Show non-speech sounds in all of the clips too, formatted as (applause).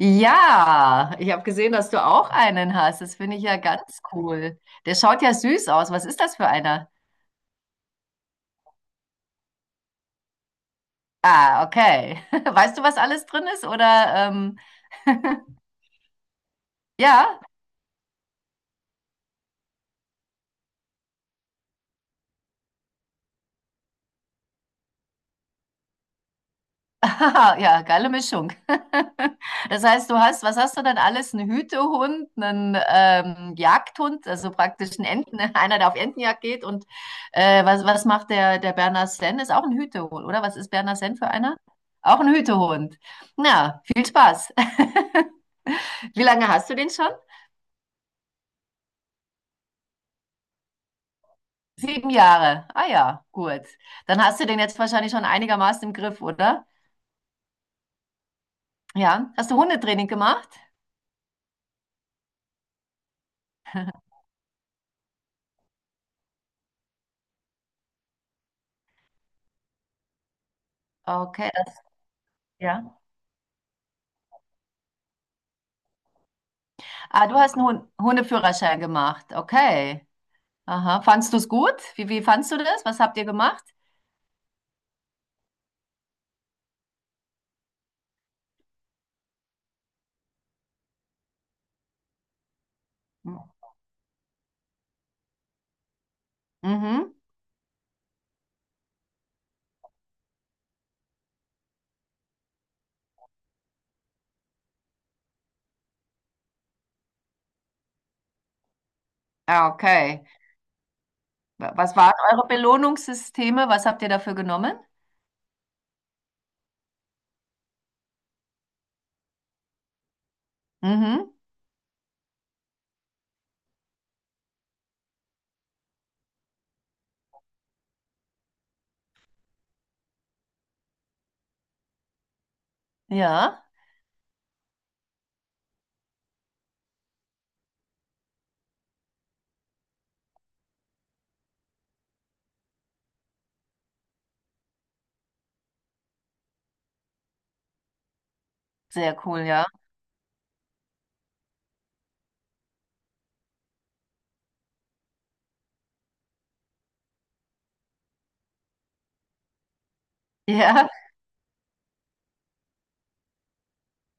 Ja, ich habe gesehen, dass du auch einen hast. Das finde ich ja ganz cool. Der schaut ja süß aus. Was ist das für einer? Ah, okay. (laughs) Weißt du, was alles drin ist? Oder (laughs) ja? (laughs) Aha, ja, geile Mischung. (laughs) Das heißt, du hast, was hast du dann alles? Einen Hütehund, einen Jagdhund, also praktisch einen Enten, (laughs) einer, der auf Entenjagd geht. Und was macht der, der Berner Senn? Ist auch ein Hütehund, oder? Was ist Berner Senn für einer? Auch ein Hütehund. Na, viel Spaß. (laughs) Wie lange hast du den schon? Sieben Jahre. Ah ja, gut. Dann hast du den jetzt wahrscheinlich schon einigermaßen im Griff, oder? Ja. Hast du Hundetraining gemacht? Okay, das, ja. Ah, du hast einen Hundeführerschein gemacht. Okay. Aha. Fandst du es gut? Wie fandst du das? Was habt ihr gemacht? Mhm. Ah, okay. Was waren eure Belohnungssysteme? Was habt ihr dafür genommen? Mhm. Ja. Sehr cool, ja. (laughs) Ja.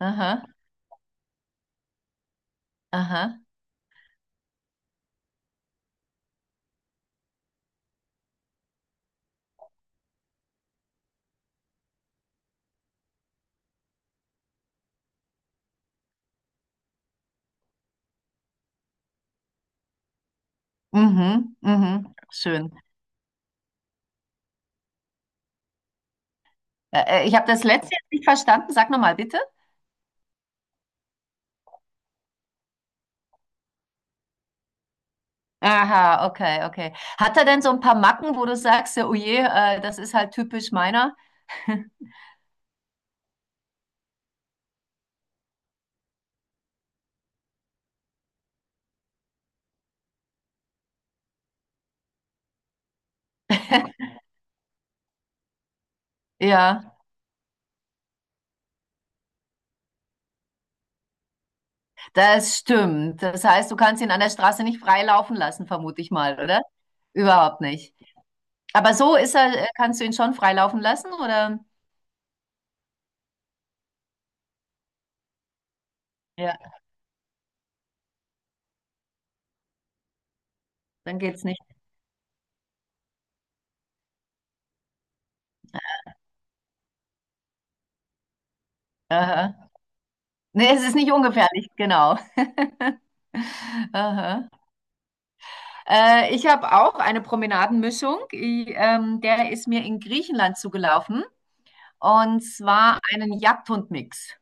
Aha. Aha. Mhm. Mhm. Schön. Ich habe das letzte jetzt nicht verstanden. Sag nochmal, bitte. Aha, okay, okay. Hat er denn so ein paar Macken, wo du sagst, ja, oh je, das ist halt typisch meiner? (laughs) Ja. Das stimmt. Das heißt, du kannst ihn an der Straße nicht frei laufen lassen, vermute ich mal, oder? Überhaupt nicht. Aber so ist er, kannst du ihn schon frei laufen lassen, oder? Ja, dann geht's nicht. Aha. Nee, es ist nicht ungefährlich, genau. Aha. Ich habe auch eine Promenadenmischung. Der ist mir in Griechenland zugelaufen. Und zwar einen Jagdhundmix.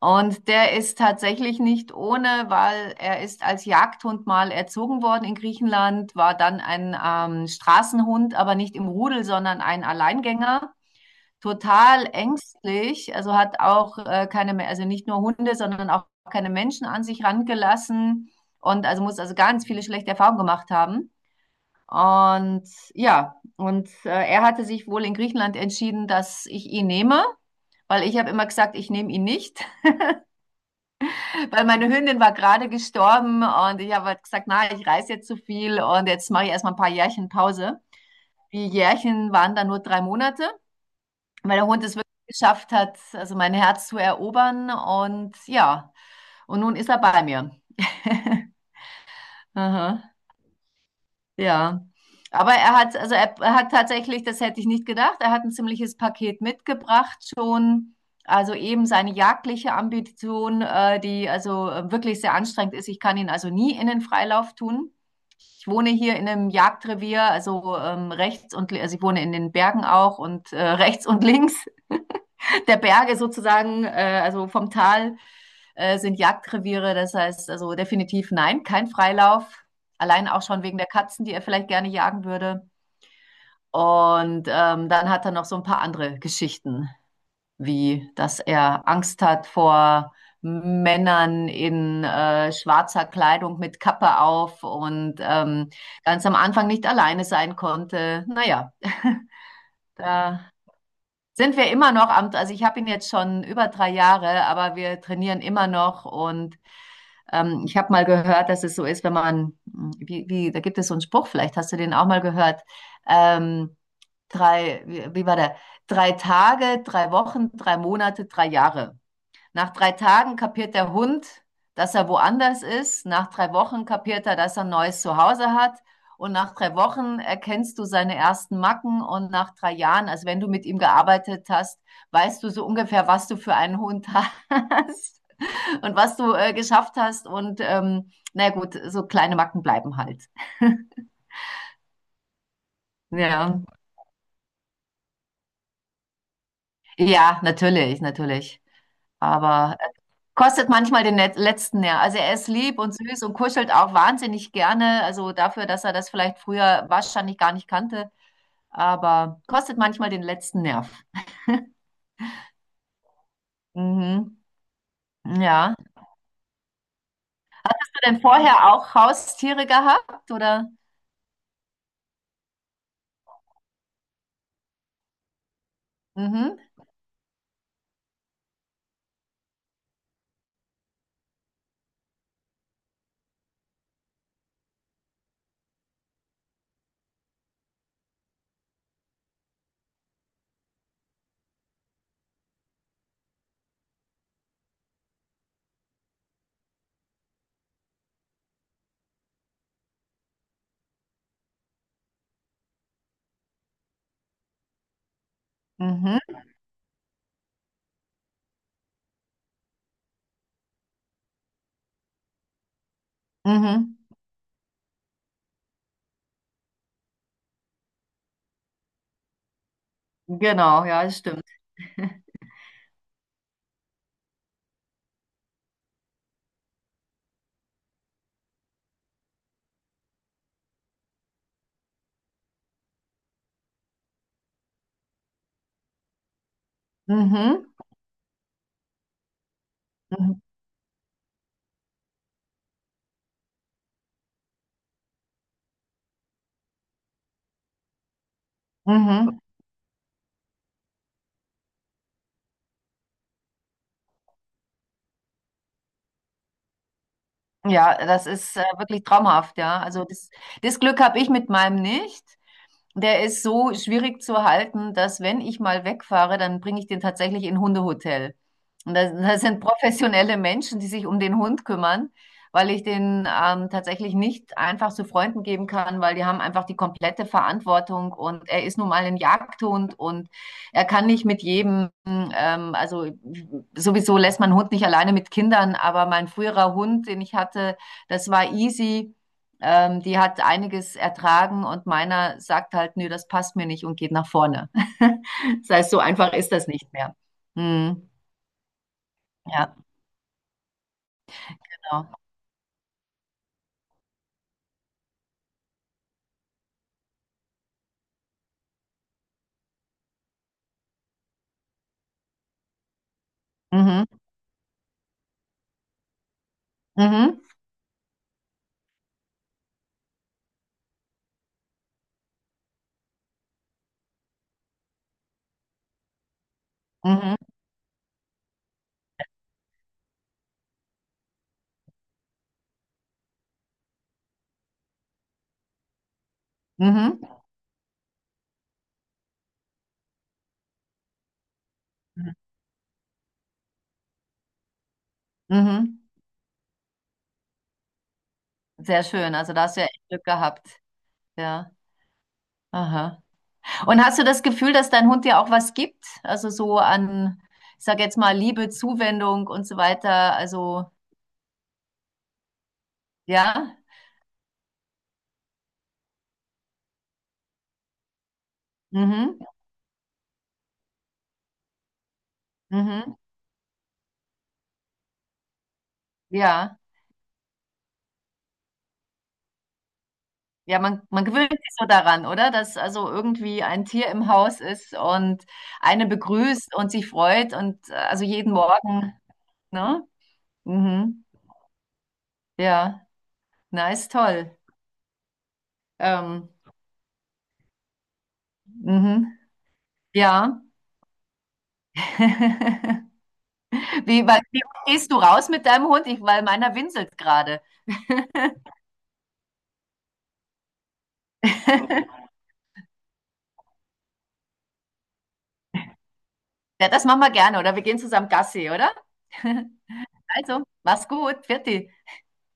Und der ist tatsächlich nicht ohne, weil er ist als Jagdhund mal erzogen worden in Griechenland, war dann ein Straßenhund, aber nicht im Rudel, sondern ein Alleingänger. Total ängstlich, also hat auch keine, Me- also nicht nur Hunde, sondern auch keine Menschen an sich rangelassen und also muss also ganz viele schlechte Erfahrungen gemacht haben. Und ja, und er hatte sich wohl in Griechenland entschieden, dass ich ihn nehme, weil ich habe immer gesagt, ich nehme ihn nicht. Weil meine Hündin war gerade gestorben und ich habe halt gesagt, na, ich reise jetzt zu viel und jetzt mache ich erstmal ein paar Jährchen Pause. Die Jährchen waren dann nur drei Monate, weil der Hund es wirklich geschafft hat, also mein Herz zu erobern und ja, und nun ist er bei mir. (laughs) Aha. Ja, aber er hat, also er hat tatsächlich, das hätte ich nicht gedacht, er hat ein ziemliches Paket mitgebracht schon. Also eben seine jagdliche Ambition, die also wirklich sehr anstrengend ist. Ich kann ihn also nie in den Freilauf tun. Ich wohne hier in einem Jagdrevier, also also ich wohne in den Bergen auch und rechts und links der Berge sozusagen, also vom Tal sind Jagdreviere. Das heißt also definitiv nein, kein Freilauf. Allein auch schon wegen der Katzen, die er vielleicht gerne jagen würde. Und dann hat er noch so ein paar andere Geschichten, wie dass er Angst hat vor Männern in schwarzer Kleidung mit Kappe auf und ganz am Anfang nicht alleine sein konnte. Naja, da sind wir immer noch am, also ich habe ihn jetzt schon über drei Jahre, aber wir trainieren immer noch und ich habe mal gehört, dass es so ist, wenn man, da gibt es so einen Spruch, vielleicht hast du den auch mal gehört, ähm, wie war der? Drei Tage, drei Wochen, drei Monate, drei Jahre. Nach drei Tagen kapiert der Hund, dass er woanders ist. Nach drei Wochen kapiert er, dass er ein neues Zuhause hat. Und nach drei Wochen erkennst du seine ersten Macken. Und nach drei Jahren, also wenn du mit ihm gearbeitet hast, weißt du so ungefähr, was du für einen Hund hast (laughs) und was du geschafft hast. Und na gut, so kleine Macken bleiben halt. (laughs) Ja, ja, natürlich, natürlich. Aber kostet manchmal den letzten Nerv. Also er ist lieb und süß und kuschelt auch wahnsinnig gerne. Also dafür, dass er das vielleicht früher wahrscheinlich gar nicht kannte. Aber kostet manchmal den letzten Nerv. Mhm. Ja. Hast du denn vorher auch Haustiere gehabt, oder? Mhm. Mhm. Mhm. Genau, ja, das stimmt. Mhm. Mhm. Mhm. Ja, das ist wirklich traumhaft, ja. Also das, das Glück habe ich mit meinem nicht. Der ist so schwierig zu halten, dass wenn ich mal wegfahre, dann bringe ich den tatsächlich in ein Hundehotel. Und da, da sind professionelle Menschen, die sich um den Hund kümmern, weil ich den tatsächlich nicht einfach zu Freunden geben kann, weil die haben einfach die komplette Verantwortung und er ist nun mal ein Jagdhund und er kann nicht mit jedem, also sowieso lässt man einen Hund nicht alleine mit Kindern, aber mein früherer Hund, den ich hatte, das war easy. Die hat einiges ertragen und meiner sagt halt, nö, das passt mir nicht und geht nach vorne. (laughs) Das heißt, so einfach ist das nicht mehr. Mhm. Ja, genau. Mhm. Mhm. Mhm. Mhm. Mhm. Mhm. Sehr schön. Also da hast du ja echt Glück gehabt. Ja. Aha. Und hast du das Gefühl, dass dein Hund dir auch was gibt? Also so an, ich sag jetzt mal, Liebe, Zuwendung und so weiter. Also, ja. Mhm. Mhm. Ja. Ja, man gewöhnt sich so daran, oder? Dass also irgendwie ein Tier im Haus ist und eine begrüßt und sich freut und also jeden Morgen, ne? Mhm. Ja, nice, toll. Ähm, mhm. Ja. (laughs) Wie oft gehst du raus mit deinem Hund? Ich, weil meiner winselt gerade. (laughs) Ja, das machen wir gerne, oder? Wir gehen zusammen Gassi, oder? (laughs) Also, mach's gut. Pfiat dich.